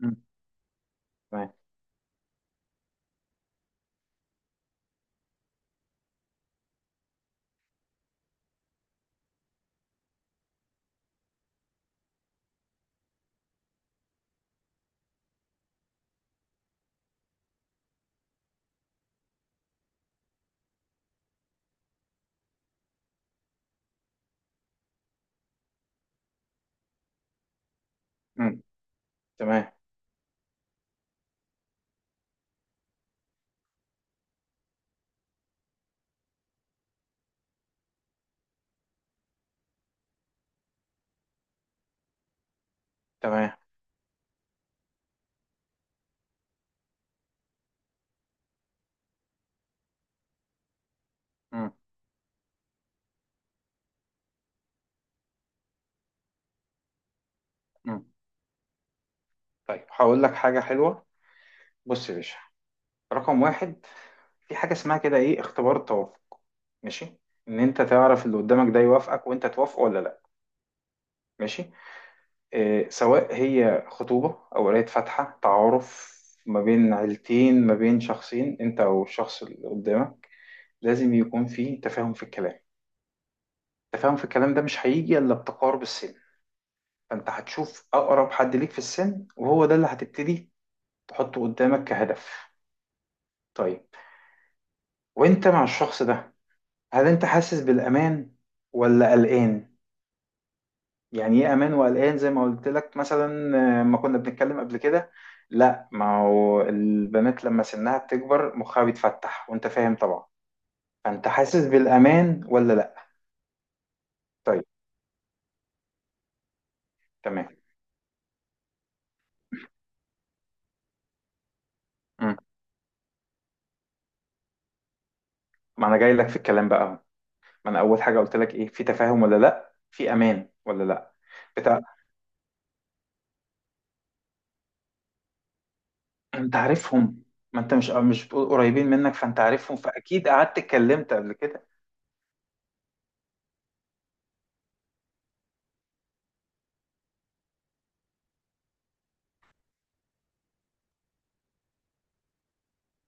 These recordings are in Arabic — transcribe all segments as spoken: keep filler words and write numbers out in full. مم. تمام. مم. تمام. تمام. مم. مم. طيب، هقول لك حاجة حلوة. بص يا باشا، رقم واحد. في حاجة اسمها كده ايه اختبار التوافق. ماشي. ان انت تعرف اللي قدامك ده يوافقك وانت توافقه ولا لا. ماشي. إيه، سواء هي خطوبة او قراية فاتحة تعارف، ما بين عيلتين، ما بين شخصين، انت او الشخص اللي قدامك، لازم يكون في تفاهم في الكلام. التفاهم في الكلام ده مش هيجي الا بتقارب السن. فانت هتشوف اقرب حد ليك في السن، وهو ده اللي هتبتدي تحطه قدامك كهدف. طيب، وانت مع الشخص ده، هل انت حاسس بالامان ولا قلقان؟ يعني ايه امان وقلقان؟ زي ما قلت لك مثلا، آه، ما كنا بنتكلم قبل كده. لا، ما هو البنات لما سنها بتكبر مخها بيتفتح وانت فاهم طبعا. فانت حاسس بالامان ولا لا؟ طيب. تمام. مم. ما انا جاي لك في الكلام بقى اهو. ما انا اول حاجه قلت لك ايه؟ في تفاهم ولا لا؟ في امان ولا لا؟ بتاع. انت عارفهم. ما انت مش آه، مش قريبين منك، فانت عارفهم، فاكيد قعدت اتكلمت قبل كده.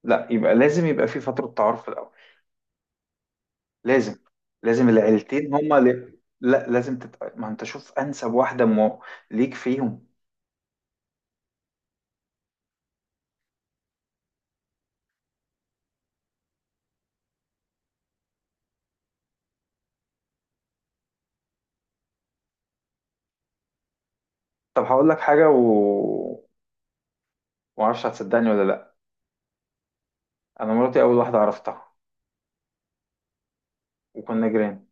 لا، يبقى لازم يبقى في فترة تعارف في الاول. لازم. لازم العيلتين هما اللي... لا، لازم تت... ما انت شوف انسب واحدة مو... ليك فيهم. طب هقول لك حاجة، و... ما اعرفش هتصدقني ولا لا. انا مراتي اول واحدة عرفتها، وكنا جيران.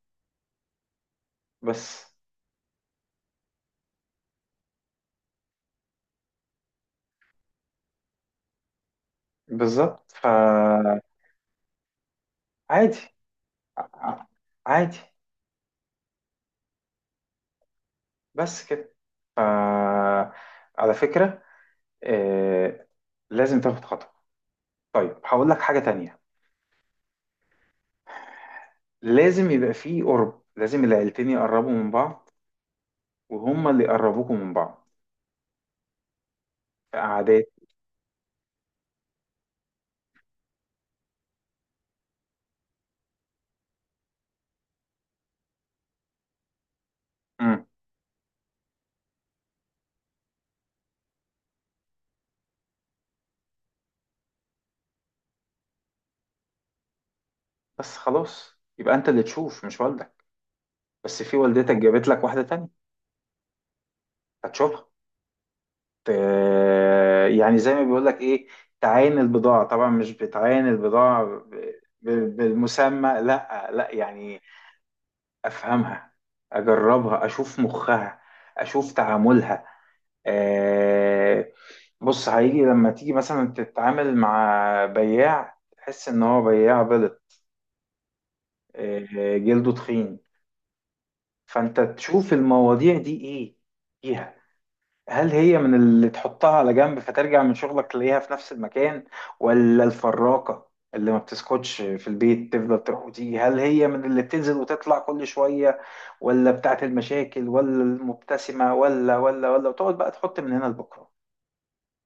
بس. بالظبط، فعادي. ع- عادي. بس كده. ف... على فكرة، آه، لازم تاخد خطوة. طيب، هقول لك حاجة تانية. لازم يبقى فيه قرب، لازم العيلتين يقربوا من بعض، وهما اللي يقربوكوا من بعض. في قعدات. امم. بس خلاص، يبقى انت اللي تشوف مش والدك. بس في والدتك جابت لك واحدة تانية، هتشوفها. ت- يعني زي ما بيقول لك ايه، تعاين البضاعة. طبعا مش بتعاين البضاعة ب- ب- بالمسمى، لا لا، يعني افهمها، اجربها، اشوف مخها، اشوف تعاملها. آه، بص، هيجي لما تيجي مثلا تتعامل مع بياع، تحس ان هو بياع بلط، آه، جلده تخين. فانت تشوف المواضيع دي ايه فيها. هل هي من اللي تحطها على جنب فترجع من شغلك تلاقيها في نفس المكان، ولا الفراقة اللي ما بتسكتش في البيت تفضل تروح وتيجي، هل هي من اللي بتنزل وتطلع كل شوية، ولا بتاعت المشاكل، ولا المبتسمة، ولا ولا ولا، وتقعد بقى تحط من هنا لبكرة.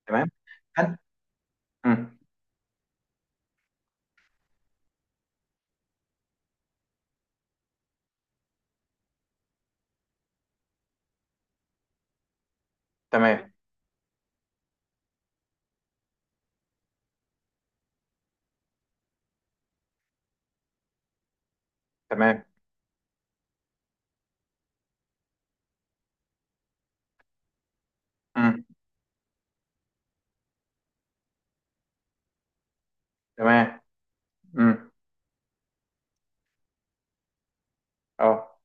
تمام؟ هل- مم. تمام. تمام. امم. تمام. امم. اه.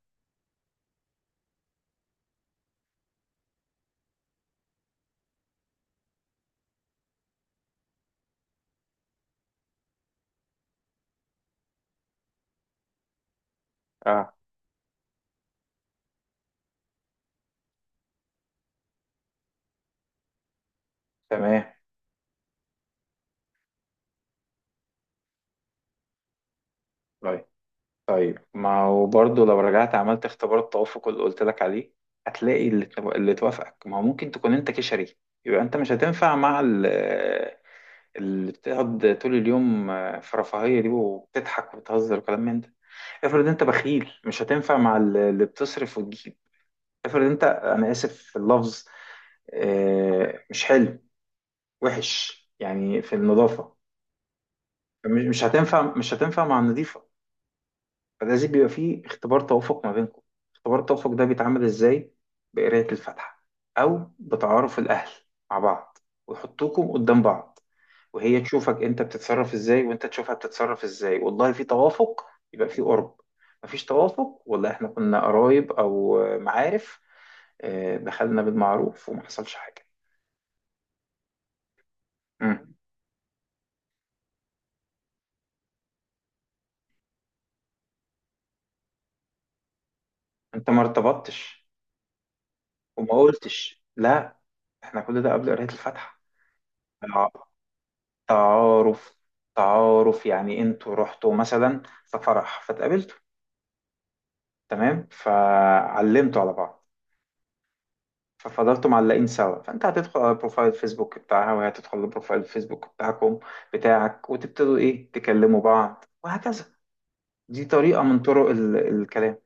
اه. تمام. طيب. طيب، ما هو برضه لو رجعت عملت اختبار التوافق اللي قلت لك عليه، هتلاقي اللي تو- اللي توافقك. ما هو ممكن تكون انت كشري، يبقى انت مش هتنفع مع ال- اللي بتقعد طول اليوم في رفاهية دي وبتضحك وبتهزر وكلام من ده. افرض انت بخيل، مش هتنفع مع ال- اللي بتصرف وتجيب. افرض انت، انا اسف في اللفظ، آه، مش حلو، وحش يعني في النظافة، مش مش هتنفع مش هتنفع مع النظيفة. فلازم بيبقى فيه اختبار توافق ما بينكم. اختبار التوافق ده بيتعمل ازاي؟ بقراية الفاتحة، أو بتعارف الأهل مع بعض، ويحطوكم قدام بعض، وهي تشوفك أنت بتتصرف ازاي وأنت تشوفها بتتصرف ازاي. والله في توافق، يبقى في قرب. مفيش توافق، والله احنا كنا قرايب أو معارف، آه، دخلنا بالمعروف وما حصلش حاجة. مم. أنت ما ارتبطتش وما قلتش لا. احنا كل ده قبل قراية الفاتحة. تعارف. تعارف، يعني انتوا رحتوا مثلا في فرح فتقابلتوا، تمام، فعلمتوا على بعض، ففضلتوا معلقين سوا، فانت هتدخل على بروفايل فيسبوك بتاعها، وهي هتدخل لبروفايل فيسبوك بتاعكم بتاعك، وتبتدوا ايه تكلموا بعض وهكذا. دي طريقة من طرق ال- الكلام.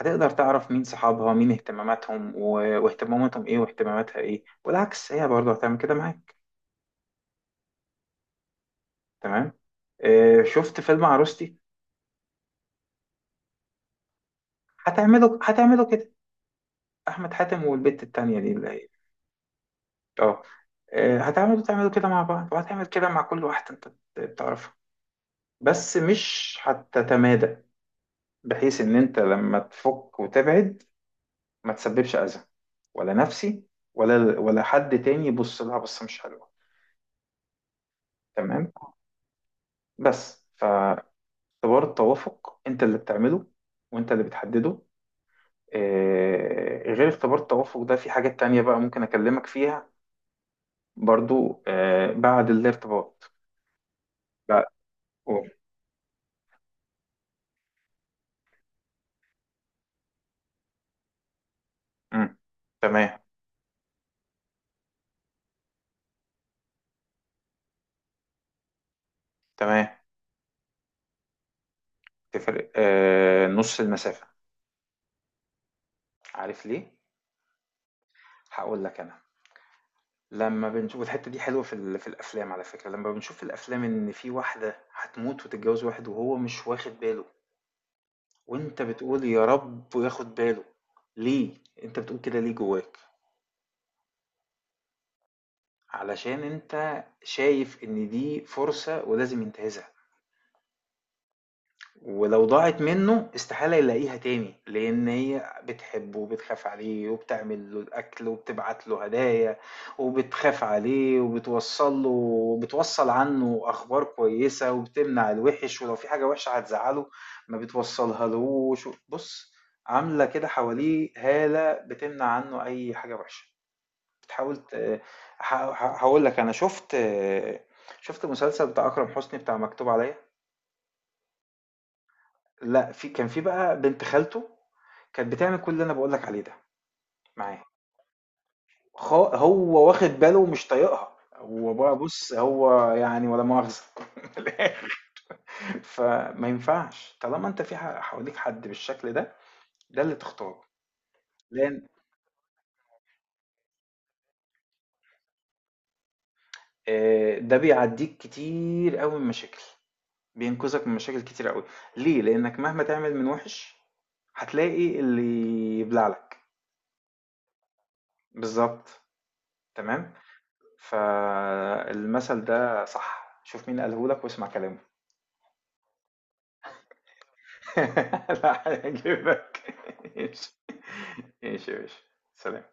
هتقدر تعرف مين صحابها، مين اهتماماتهم و- واهتماماتهم ايه، واهتماماتها ايه، والعكس، هي برضه هتعمل كده معاك. تمام. آه، شفت فيلم عروستي؟ هتعمله هتعمله كده. احمد حاتم والبت التانية دي اللي هي... اه. آه، هتعملوا تعملوا كده مع بعض، وهتعمل كده مع كل واحدة انت بتعرفها. بس مش هتتمادى، بحيث ان انت لما تفك وتبعد ما تسببش اذى، ولا نفسي، ولا ولا حد تاني يبص لها بصة مش حلوة. تمام. بس فاختبار التوافق انت اللي بتعمله وانت اللي بتحدده. آه، غير اختبار التوافق ده في حاجات تانية بقى ممكن اكلمك فيها، برضو آه، بعد الارتباط. أوه. مم. تمام. تمام. تفرق آه نص المسافة. عارف ليه؟ هقول لك أنا. لما بنشوف الحتة دي حلوة في, ال... في الأفلام، على فكرة، لما بنشوف في الأفلام إن في واحدة هتموت وتتجوز واحد وهو مش واخد باله، وأنت بتقول يا رب وياخد باله. ليه؟ أنت بتقول كده ليه جواك؟ علشان أنت شايف إن دي فرصة ولازم ينتهزها. ولو ضاعت منه استحالة يلاقيها تاني، لأن هي بتحبه وبتخاف عليه وبتعمل له الأكل وبتبعت له هدايا، وبتخاف عليه وبتوصل له وبتوصل عنه أخبار كويسة وبتمنع الوحش، ولو في حاجة وحشة هتزعله ما بتوصلها لهوش، بص، عاملة كده حواليه هالة بتمنع عنه أي حاجة وحشة. بتحاول ت- ه- ه- هقول لك أنا شفت شفت مسلسل بتاع أكرم حسني بتاع مكتوب عليا. لأ، في كان في بقى بنت خالته، كانت بتعمل كل اللي أنا باقول لك عليه ده. معاه. خ هو واخد باله ومش طايقها. هو بقى، بُص، هو يعني ولا مؤاخذة من الآخر. فما ينفعش طالما أنت في ح حواليك حد بالشكل ده، ده اللي تختاره. لأن آآ، ده بيعدّيك كتير أوي من مشاكل، بينقذك من مشاكل كتير أوي. ليه؟ لأنك مهما تعمل من وِحِش، هتلاقي اللي يبلع لك. بالضبط. تمام؟ فالمثل ده صح، شوف مين قاله لك واسمع كلامه. لا هيعجبك. ماشي. ماشي يا باشا. سلام.